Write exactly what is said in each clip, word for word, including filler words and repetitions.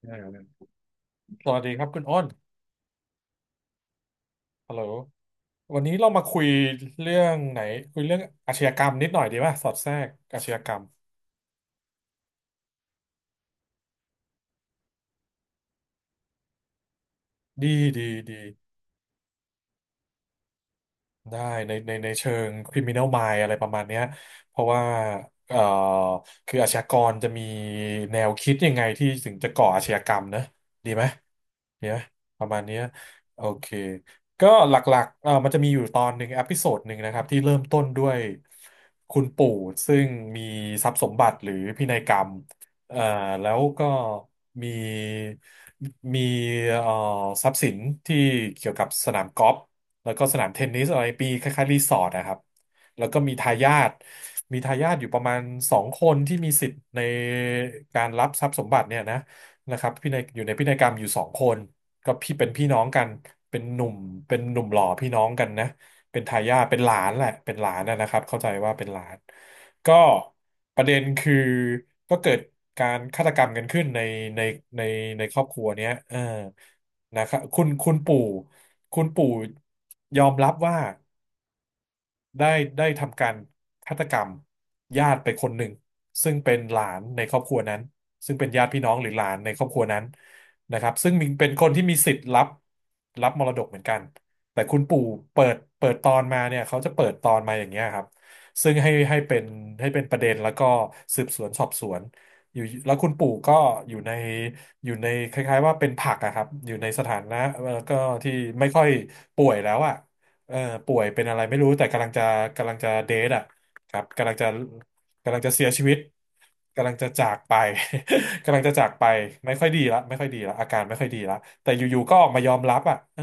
เออสวัสดีครับคุณอ้นฮัลโหลวันนี้เรามาคุยเรื่องไหนคุยเรื่องอาชญากรรมนิดหน่อยดีป่ะสอดแทรกอาชญากรรม ดีดีดี ได้ในในในเชิง criminal mind อะไรประมาณเนี้ยเพราะว่าเอ่อคืออาชญากรจะมีแนวคิดยังไงที่ถึงจะก่ออาชญากรรมนะดีไหมดีไหมประมาณเนี้ยโอเคก็หลักๆเอ่อมันจะมีอยู่ตอนหนึ่งอพิโซดหนึ่งนะครับที่เริ่มต้นด้วยคุณปู่ซึ่งมีทรัพย์สมบัติหรือพินัยกรรมเอ่อแล้วก็มีมีเอ่อทรัพย์สินที่เกี่ยวกับสนามกอล์ฟ แล้วก็สนามเทนนิสอะไรปีคล้ายๆรีสอร์ทนะครับแล้วก็มีทายาทมีทายาทอยู่ประมาณสองคนที่มีสิทธิ์ในการรับทรัพย์สมบัติเนี่ยนะนะครับพินัยอยู่ในพินัยกรรมอยู่สองคนก็พี่เป็นพี่น้องกันเป็นหนุ่มเป็นหนุ่มหล่อพี่น้องกันนะเป็นทายาทเป็นหลานแหละเป็นหลานนะนะครับเข้าใจว่าเป็นหลานก็ประเด็นคือก็เกิดการฆาตกรรมกันขึ้นในในในในครอบครัวเนี้ยเออนะครับคุณคุณปู่ คุณปู่ยอมรับว่า ได้ได้ทำการฆาตกรรมญาติไปคนหนึ่งซึ่งเป็นหลานในครอบครัวนั้นซึ่งเป็นญาติพี่น้องหรือหลานในครอบครัวนั้นนะครับซึ่งมีเป็นคนที่มีสิทธิ์รับรับมรดกเหมือนกันแต่คุณปู่เปิดเปิดตอนมาเนี่ยเขาจะเปิดตอนมาอย่างเงี้ยครับซึ่งให้ให้เป็นให้เป็นประเด็นแล้วก็สืบสวนสอบสวนอยู่แล้วคุณปู่ก็อยู่ในอยู่ในคล้ายๆว่าเป็นผักอะครับอยู่ในสถานะเอ่อก็ที่ไม่ค่อยป่วยแล้วอะ เอ่อป่วยเป็นอะไรไม่รู้แต่กำลังจะกำลังจะเดทอ่ะครับกำลังจะกำลังจะเสียชีวิตกำลังจะจากไป กำลังจะจากไปไม่ค่อยดีละไม่ค่อยดีละอาการไม่ค่อยดีละแต่อยู่ๆก็ออกมายอมรับอ่ะเออ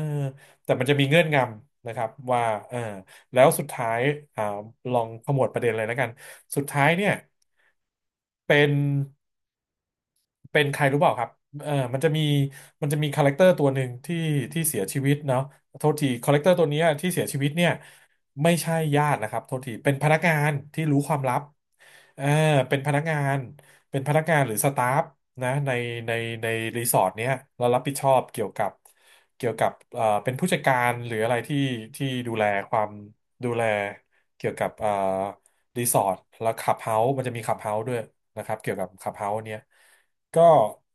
แต่มันจะมีเงื่อนงำนะครับว่าเออแล้วสุดท้ายอ่าลองขมวดประเด็นเลยแล้วกันสุดท้ายเนี่ยเป็น เป็นใครรู้เปล่าครับเออมันจะมีมันจะมีคาแรคเตอร์ตัวหนึ่งที่ที่เสียชีวิตเนาะโทษทีคาแรคเตอร์ตัวเนี้ยที่เสียชีวิตเนี่ยไม่ใช่ญาตินะครับโทษทีเป็นพนักงานที่รู้ความลับเออเป็นพนักงาน เป็นพนักงานหรือสตาฟนะในในในรีสอร์ทเนี้ยเรารับผิดชอบเกี่ยวกับเกี่ยวกับเอ่อเป็นผู้จัดการหรืออะไรที่ที่ดูแลความดูแลเกี่ยวกับเอ่อรีสอร์ทแล้วคลับเฮาส์มันจะมีคลับเฮาส์ด้วยนะครับเกี่ยวกับคลับเฮาส์เนี้ยก็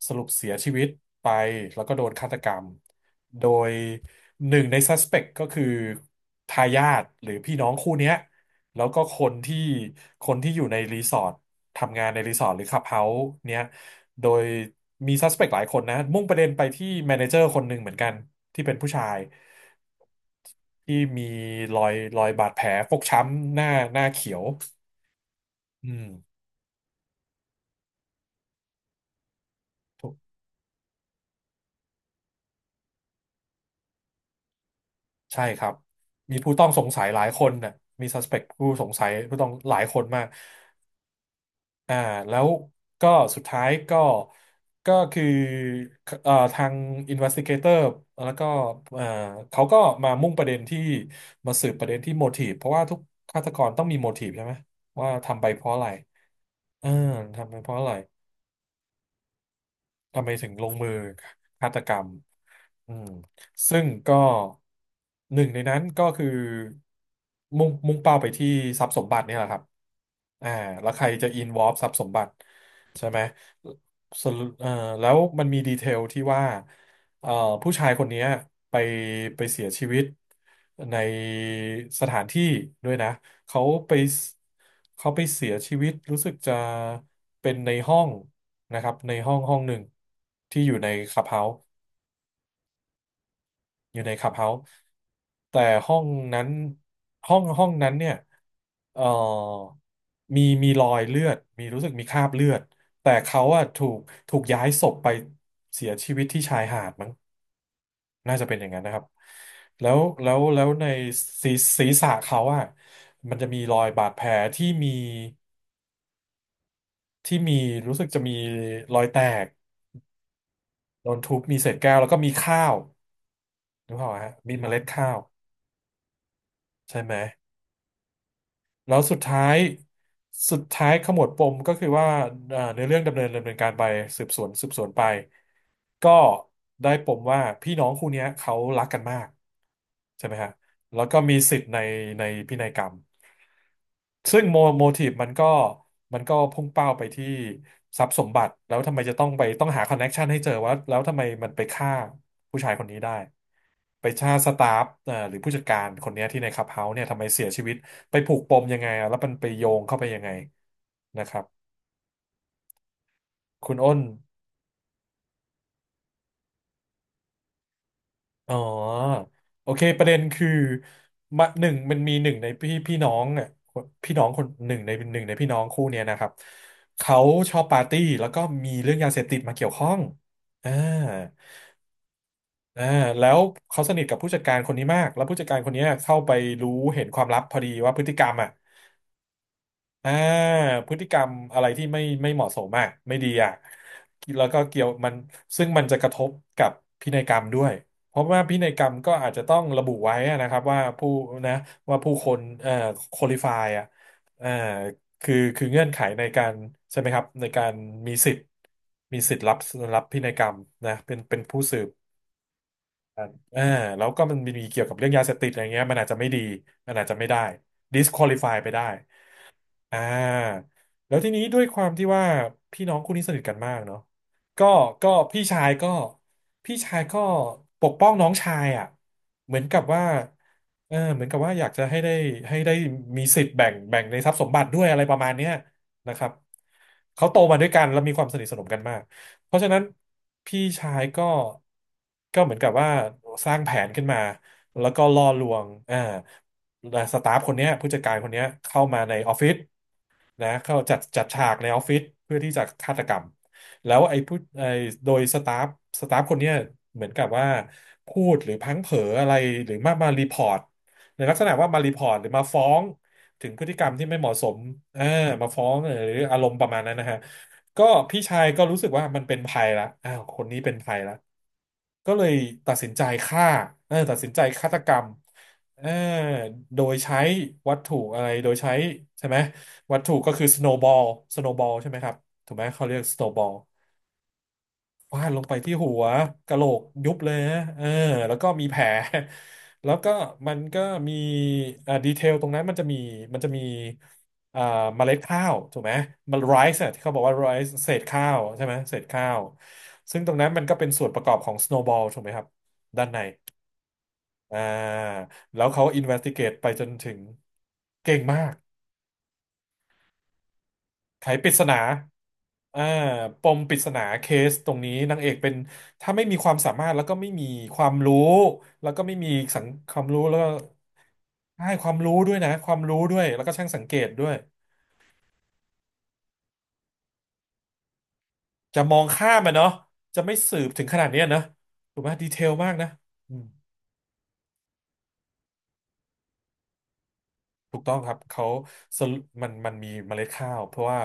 สรุปเสียชีวิตไปแล้วก็โดนฆาตกรรมโดยหนึ่งในซัสเปกก็คือทายาทหรือพี่น้องคู่เนี้ยแล้วก็คนที่คนที่อยู่ในรีสอร์ท ทำงานในรีสอร์ทหรือคลับเฮาส์เนี้ยโดยมีซัสเปกหลายคนนะมุ่งประเด็นไปที่แมเนเจอร์คนหนึ่งเหมือนกันที่เป็นผู้ชายที่มีรอยรอยบาดแผลฟกช้ำหน้าหน้าเขียวอืมถูกใช่ครับ มีผู้ต้องสงสัยหลายคนน่ะมีซัสเปกผู้สงสัยผู้ต้องหลายคนมาก อ่าแล้วก็สุดท้ายก็ก็คือเอ่อทาง investigator แล้วก็เอ่อเขาก็มามุ่งประเด็นที่มาสืบประเด็นที่ motive เพราะว่าทุกฆาตกรต้องมี motive ใช่ไหมว่าทำไปเพราะอะไรเออทำไปเพราะอะไร ทำไมถึงลงมือฆาตกรรมอืมซึ่งก็หนึ่งในนั้นก็คือมุ่งมุ่งเป้าไปที่ทรัพย์สมบัติเนี่ยแหละครับอ่าแล้วใครจะอินวอล์ฟทรัพย์สมบัติใช่ไหมสรุปเอ่อแล้วมันมีดีเทลที่ว่าเอ่อผู้ชายคนเนี้ยไปไปเสียชีวิตในสถานที่ด้วยนะ เขาไปเขาไปเสียชีวิตรู้สึกจะเป็นในห้องนะครับในห้องห้องหนึ่งที่อยู่ในคลับเฮาส์อยู่ในคลับเฮาส์แต่ห้องนั้นห้องห้องนั้นเนี่ยเอ่อมีมีรอยเลือดมีรู้สึกมีคราบเลือดแต่เขาอะถูกถูกย้ายศพไปเสียชีวิตที่ชายหาดมั้งน่าจะเป็นอย่างนั้นนะครับแล้วแล้วแล้วในศีรศีรษะเขาอะมันจะมีรอยบาดแผลที่มี ที่มีรู้สึกจะมีรอยแตกโดนทุบมีเศษแก้วแล้วก็มีข้าวนึกออกไหมฮะมีเมล็ดข้าวใช่ไหม แล้วสุดท้ายสุดท้ายขมวดปมก็คือว่าเอ่อในเรื่องดำเนินดำเนินการไปสืบสวนสืบสวนไปก็ได้ปมว่าพี่น้องคู่เนี้ยเขารักกันมากใช่ไหมฮะแล้วก็มีสิทธิ์ในในพินัยกรรมซึ่งโมโมทีฟมันก็มันก็พุ่งเป้าไปที่ทรัพย์สมบัติแล้วทำไมจะต้องไปต้องหาคอนเน็กชันให้เจอว่าแล้วทำไมมันไปฆ่าผู้ชายคนนี้ได้ ไปชาติสตาฟเอ่อหรือผู้จัดการคนเนี้ยที่ในคลับเฮาส์เนี่ยทำไมเสียชีวิตไปผูกปมยังไงอะแล้วมันไปโยงเข้าไปยังไงนะครับคุณอ้นอ๋อโอเคประเด็นคือมาหนึ่งมันมีหนึ่งในพี่พี่น้องอ่ะคนพี่น้องคนหนึ่งในหนึ่งในพี่น้องคู่เนี้ยนะครับเขาชอบปาร์ตี้แล้วก็มีเรื่องยาเสพติดมาเกี่ยวข้องอ่าอ่าแล้วเขาสนิทกับผู้จัดการคนนี้มากแล้วผู้จัดการคนเนี้ยเข้าไปรู้เห็นความลับพอดีว่าพฤติกรรมอ่ะ อ่าพฤติกรรมอะไรที่ไม่ไม่เหมาะสมอ่ะไม่ดีอ่ะแล้วก็เกี่ยวมันซึ่งมันจะกระทบกับพินัยกรรมด้วยเพราะว่าพินัยกรรมก็อาจจะต้องระบุไว้อะนะครับว่าผู้นะว่าผู้คนเอ่อคุริฟายอ่ะเอ่อคือคือเงื่อนไขในการใช่ไหมครับในการมีสิทธิ์มีสิทธิ์รับรับพินัยกรรมนะเป็นเป็นผู้สืบอ่าแล้วก็มันมีเกี่ยวกับเรื่องยาเสพติดอะไรเงี้ยมันอาจจะไม่ดีมันอาจจะไม่ได้ disqualify ไปได้ อ่าแล้วทีนี้ด้วยความที่ว่าพี่น้องคู่นี้สนิทกันมากเนาะก็ก็พี่ชายก็พี่ชายก็ปกป้องน้องชายอ่ะเหมือนกับว่าเออเหมือนกับว่าอยากจะให้ได้ให้ได้มีสิทธิ์แบ่งแบ่งในทรัพย์สมบัติด้วยอะไรประมาณเนี้ยนะครับเขาโตมาด้วยกันแล้วมีความสนิทสนมกันมากเพราะฉะนั้นพี่ชายก็ก็เหมือนกับว่าสร้างแผนขึ้นมาแล้วก็ล่อลวงอ่าสตาฟคนเนี้ยผู้จัดการคนเนี้ยเข้ามาในออฟฟิศ นะเข้าจัดจัดฉากในออฟฟิศเพื่อที่จะฆาตกรรมแล้วไอ้ผู้ไอ้โดยสตาฟสตาฟคนเนี้ยเหมือนกับว่าพูดหรือพลั้งเผลออะไรหรือมามารีพอร์ตในลักษณะว่ามารีพอร์ตหรือมาฟ้องถึงพฤติกรรมที่ไม่เหมาะสมเออมาฟ้องหรืออารมณ์ประมาณนั้นนะฮะ ก็พี่ชายก็รู้สึกว่ามันเป็นภัยละอ้าวคนนี้เป็นภัยละก็เลยตัดสินใจฆ่าเออตัดสินใจฆาตกรรมเออโดยใช้วัตถุอะไร โดยใช้ใช่ไหม วัตถุก็คือสโน w b บอลสโน ว บ บอลใช่ไหมครับ ถูกไหมเขาเรียกสโน w b บอล ฟาดลงไปที่หัวกะโหลกยุบเลยฮะเออแล้วก็มีแผล แล้วก็มันก็มีอ่าดีเทลตรงนั้นมันจะมีมันจะมีอ่าเมล็ดข้าวถูกไหมมันไรซ์ที่เขาบอกว่าไรซ์เศษข้าวใช่ไหมเศษข้าวซึ่งตรงนั้นมันก็เป็นส่วนประกอบของ สโนว์บอล ถูกไหมครับด้านในอ่าแล้วเขา อินเวสทิเกต ไปจนถึงเก่งมาก ไขปริศนาอ่าปมปริศนาเคสตรงนี้นางเอกเป็นถ้าไม่มีความสามารถแล้วก็ไม่มีความรู้แล้วก็ไม่มีสังความรู้แล้วก็ใช่ความรู้ด้วยนะความรู้ด้วยแล้วก็ช่างสังเกตด้วยจะมองข้ามอ่ะเนาะจะไม่สืบถึงขนาดเนี้ยนะถูกไหมดีเทลมากนะ ถูกต้องครับเขาสรุมันมันมีเมล็ดข้าวเพราะว่า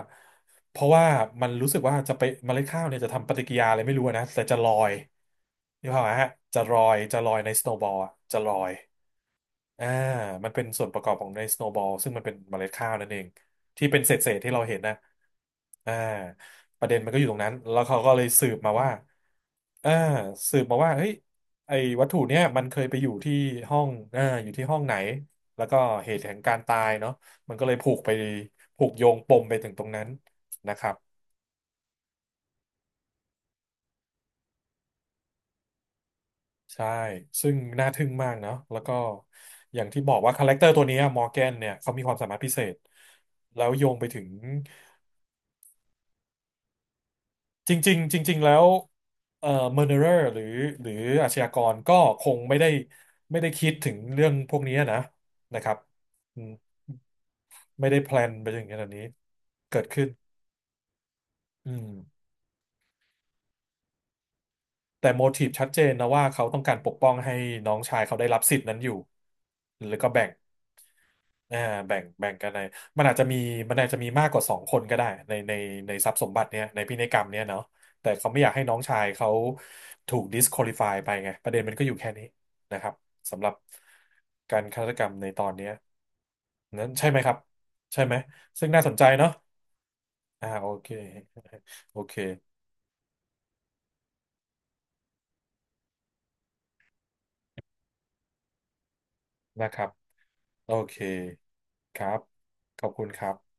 เพราะว่ามันรู้สึกว่าจะไปเมล็ดข้าวเนี่ยจะทำปฏิกิริยาอะไรไม่รู้อะนะแต่จะลอยนี่พออกไหมฮะจะลอยจะลอยในสโนว์บอลจะลอย อ่ามันเป็นส่วนประกอบของในสโน w b บอลซึ่งมันเป็นเมล็ดข้าวนั่นเองที่เป็นเศษเศษที่เราเห็นนะอ่าประเด็นมันก็อยู่ตรงนั้นแล้วเขาก็เลยสืบมาว่าอ่าสืบมาว่าเฮ้ยไอ้วัตถุเนี้ยมันเคยไปอยู่ที่ห้องอ่าอยู่ที่ห้องไหนแล้วก็เหตุแห่งการตายเนาะมันก็เลยผูกไปผูกโยงปมไปถึงตรงนั้นนะครับใช่ซึ่งน่าทึ่งมากเนาะแล้วก็อย่างที่บอกว่าคาแรคเตอร์ตัวเนี้มอร์แกนเนี่ยเขามีความสามารถพิเศษแล้วโยงไปถึง จริงๆจริงๆแล้วเอ่อ เมอร์เดอเรอร์ หรือหรืออาชญากรก็คงไม่ได้ไม่ได้คิดถึงเรื่องพวกนี้นะนะครับอืมไม่ได้แพลนไปถึงขนาดนี้เกิดขึ้นอืมแต่โมทีฟชัดเจนนะว่าเขาต้องการปกป้องให้น้องชายเขาได้รับสิทธิ์นั้นอยู่แล้วก็แบ่ง อ่าแบ่งแบ่งกันในมันอาจจะมีมันอาจจะมีมากกว่าสองคนก็ได้ในในในทรัพย์สมบัติเนี่ยในพินัยกรรมเนี่ยเนาะแต่เขาไม่อยากให้น้องชายเขาถูก disqualify ไปไงประเด็นมันก็อยู่แค่นี้นะครับสำหรับการฆาตกรรมในตอนเนี้ยนั้นใช่ไหมครับใช่ไหมซึ่งน่าสนใจเนาะอ่าโอเคโอเคนะครับโอเคครับขอบคุณครับ